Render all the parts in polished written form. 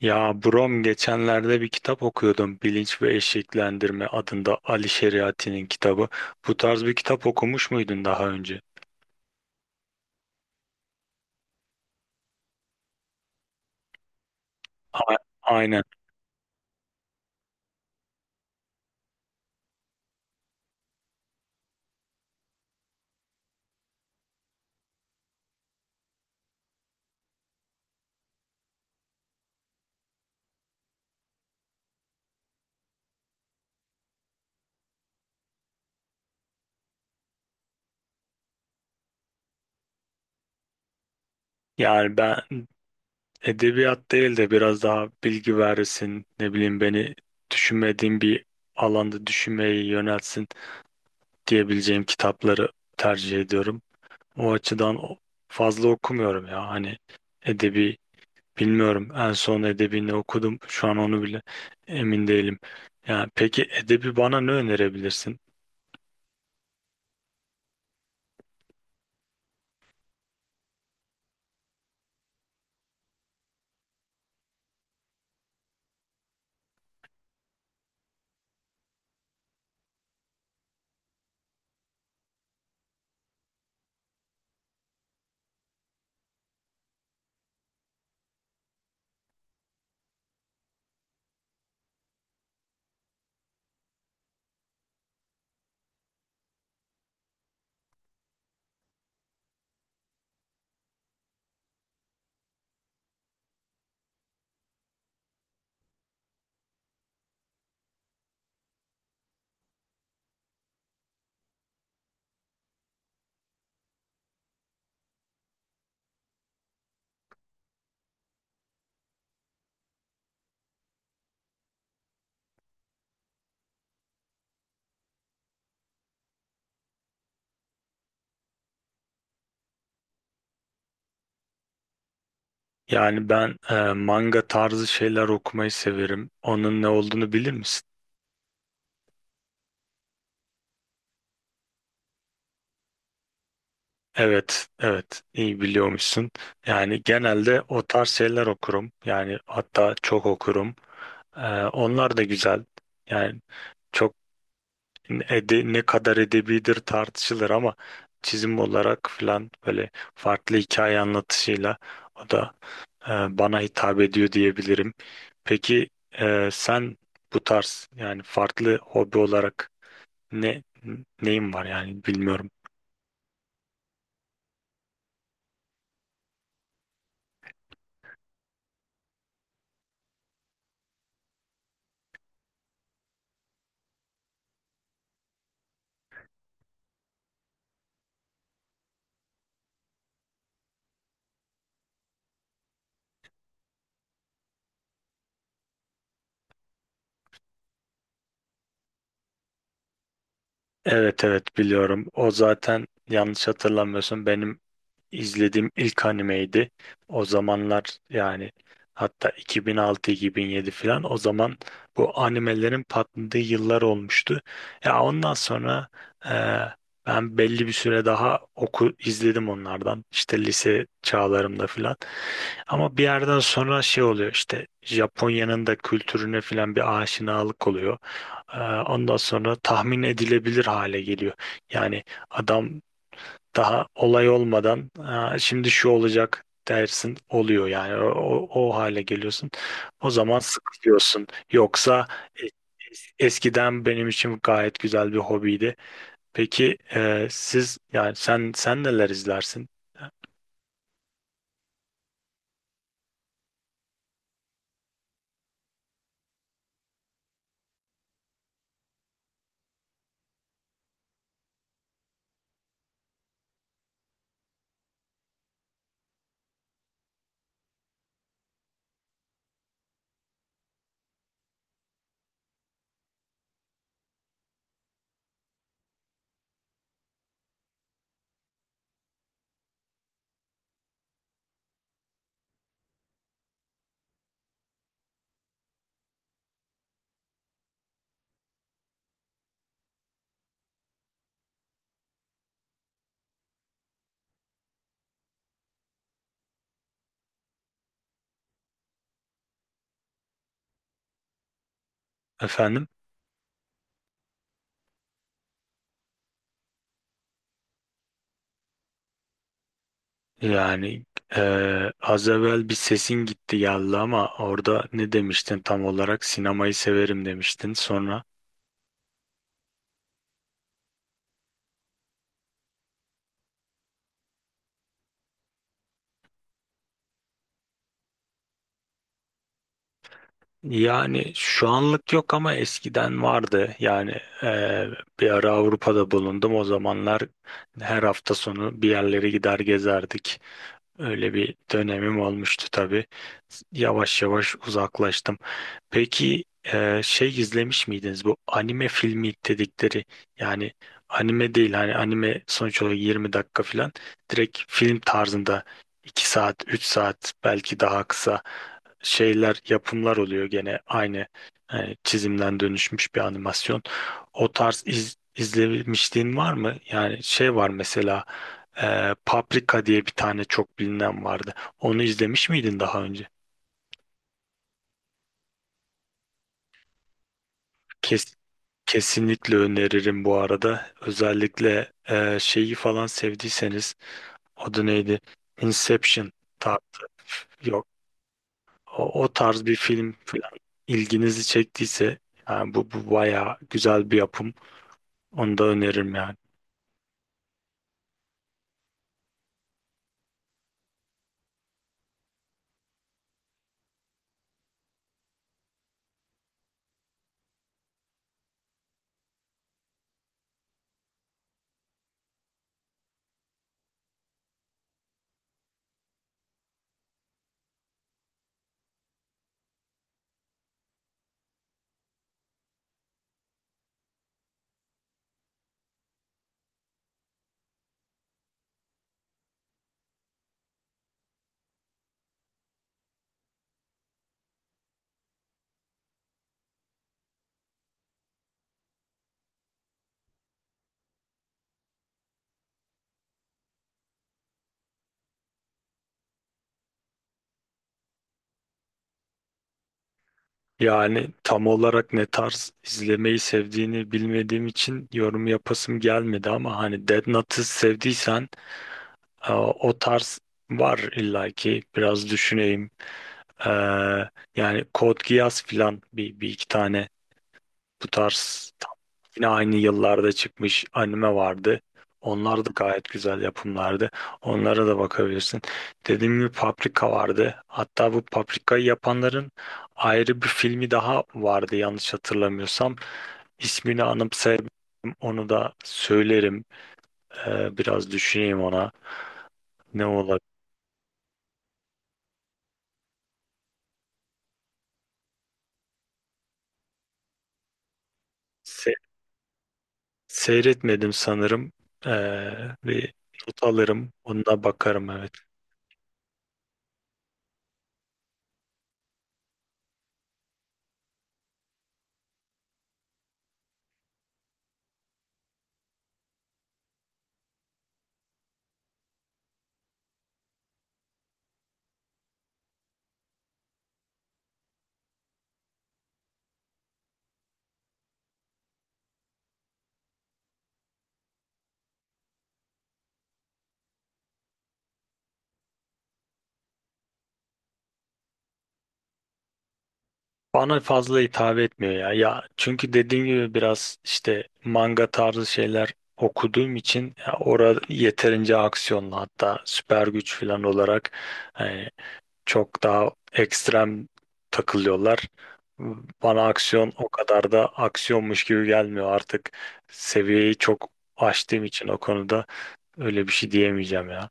Ya Brom geçenlerde bir kitap okuyordum. Bilinç ve Eşiklendirme adında Ali Şeriati'nin kitabı. Bu tarz bir kitap okumuş muydun daha önce? A- Aynen. Yani ben edebiyat değil de biraz daha bilgi verirsin, ne bileyim beni düşünmediğim bir alanda düşünmeyi yöneltsin diyebileceğim kitapları tercih ediyorum. O açıdan fazla okumuyorum ya. Hani edebi. Bilmiyorum. En son edebi ne okudum? Şu an onu bile emin değilim. Yani peki edebi bana ne önerebilirsin? Yani ben manga tarzı şeyler okumayı severim. Onun ne olduğunu bilir misin? Evet, evet. iyi biliyormuşsun. Yani genelde o tarz şeyler okurum. Yani hatta çok okurum. E, onlar da güzel. Yani çok ne kadar edebidir tartışılır ama çizim olarak filan böyle farklı hikaye anlatışıyla o da e, bana hitap ediyor diyebilirim. Peki sen bu tarz yani farklı hobi olarak ne neyin var yani bilmiyorum. Evet, evet, biliyorum. O zaten, yanlış hatırlamıyorsun, benim izlediğim ilk animeydi. O zamanlar yani hatta 2006-2007 falan, o zaman bu animelerin patladığı yıllar olmuştu. Ya ondan sonra e, ben belli bir süre daha oku izledim onlardan. İşte lise çağlarımda falan. Ama bir yerden sonra şey oluyor, işte Japonya'nın da kültürüne falan bir aşinalık oluyor. E, ondan sonra tahmin edilebilir hale geliyor. Yani adam daha olay olmadan "Aa, şimdi şu olacak" dersin, oluyor yani o hale geliyorsun. O zaman sıkılıyorsun. Yoksa e, eskiden benim için gayet güzel bir hobiydi. Peki siz, yani sen neler izlersin efendim? Yani e, az evvel bir sesin gitti geldi ama orada ne demiştin tam olarak? Sinemayı severim demiştin. Sonra, yani şu anlık yok ama eskiden vardı. Yani e, bir ara Avrupa'da bulundum. O zamanlar her hafta sonu bir yerlere gider gezerdik. Öyle bir dönemim olmuştu tabii. Yavaş yavaş uzaklaştım. Peki şey izlemiş miydiniz, bu anime filmi dedikleri? Yani anime değil, hani anime sonuç olarak 20 dakika falan, direkt film tarzında 2 saat 3 saat belki daha kısa şeyler, yapımlar oluyor gene aynı, yani çizimden dönüşmüş bir animasyon. O tarz izlemişliğin var mı? Yani şey var mesela, Paprika diye bir tane çok bilinen vardı. Onu izlemiş miydin daha önce? Kes, Kesinlikle öneririm bu arada. Özellikle şeyi falan sevdiyseniz, adı neydi? Inception. Ta, Yok. O tarz bir film falan ilginizi çektiyse, yani bu bayağı güzel bir yapım. Onu da öneririm yani. Yani tam olarak ne tarz izlemeyi sevdiğini bilmediğim için yorum yapasım gelmedi ama hani Dead Note'ı sevdiysen... O tarz var illaki, biraz düşüneyim. Ee, yani Code Geass filan, bir iki tane bu tarz tam, yine aynı yıllarda çıkmış anime vardı. Onlar da gayet güzel yapımlardı. Onlara da bakabilirsin. Dediğim gibi Paprika vardı. Hatta bu Paprika'yı yapanların ayrı bir filmi daha vardı, yanlış hatırlamıyorsam. İsmini anımsayabilirim. Onu da söylerim. Biraz düşüneyim ona. Ne olabilir? Seyretmedim sanırım. Ee, bir not alırım. Onunla bakarım, evet. Bana fazla hitap etmiyor ya. Ya çünkü dediğim gibi biraz işte manga tarzı şeyler okuduğum için, ya orada yeterince aksiyonlu, hatta süper güç falan olarak e, çok daha ekstrem takılıyorlar. Bana aksiyon o kadar da aksiyonmuş gibi gelmiyor artık. Seviyeyi çok aştığım için o konuda öyle bir şey diyemeyeceğim ya.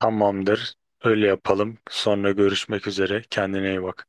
Tamamdır. Öyle yapalım. Sonra görüşmek üzere. Kendine iyi bak.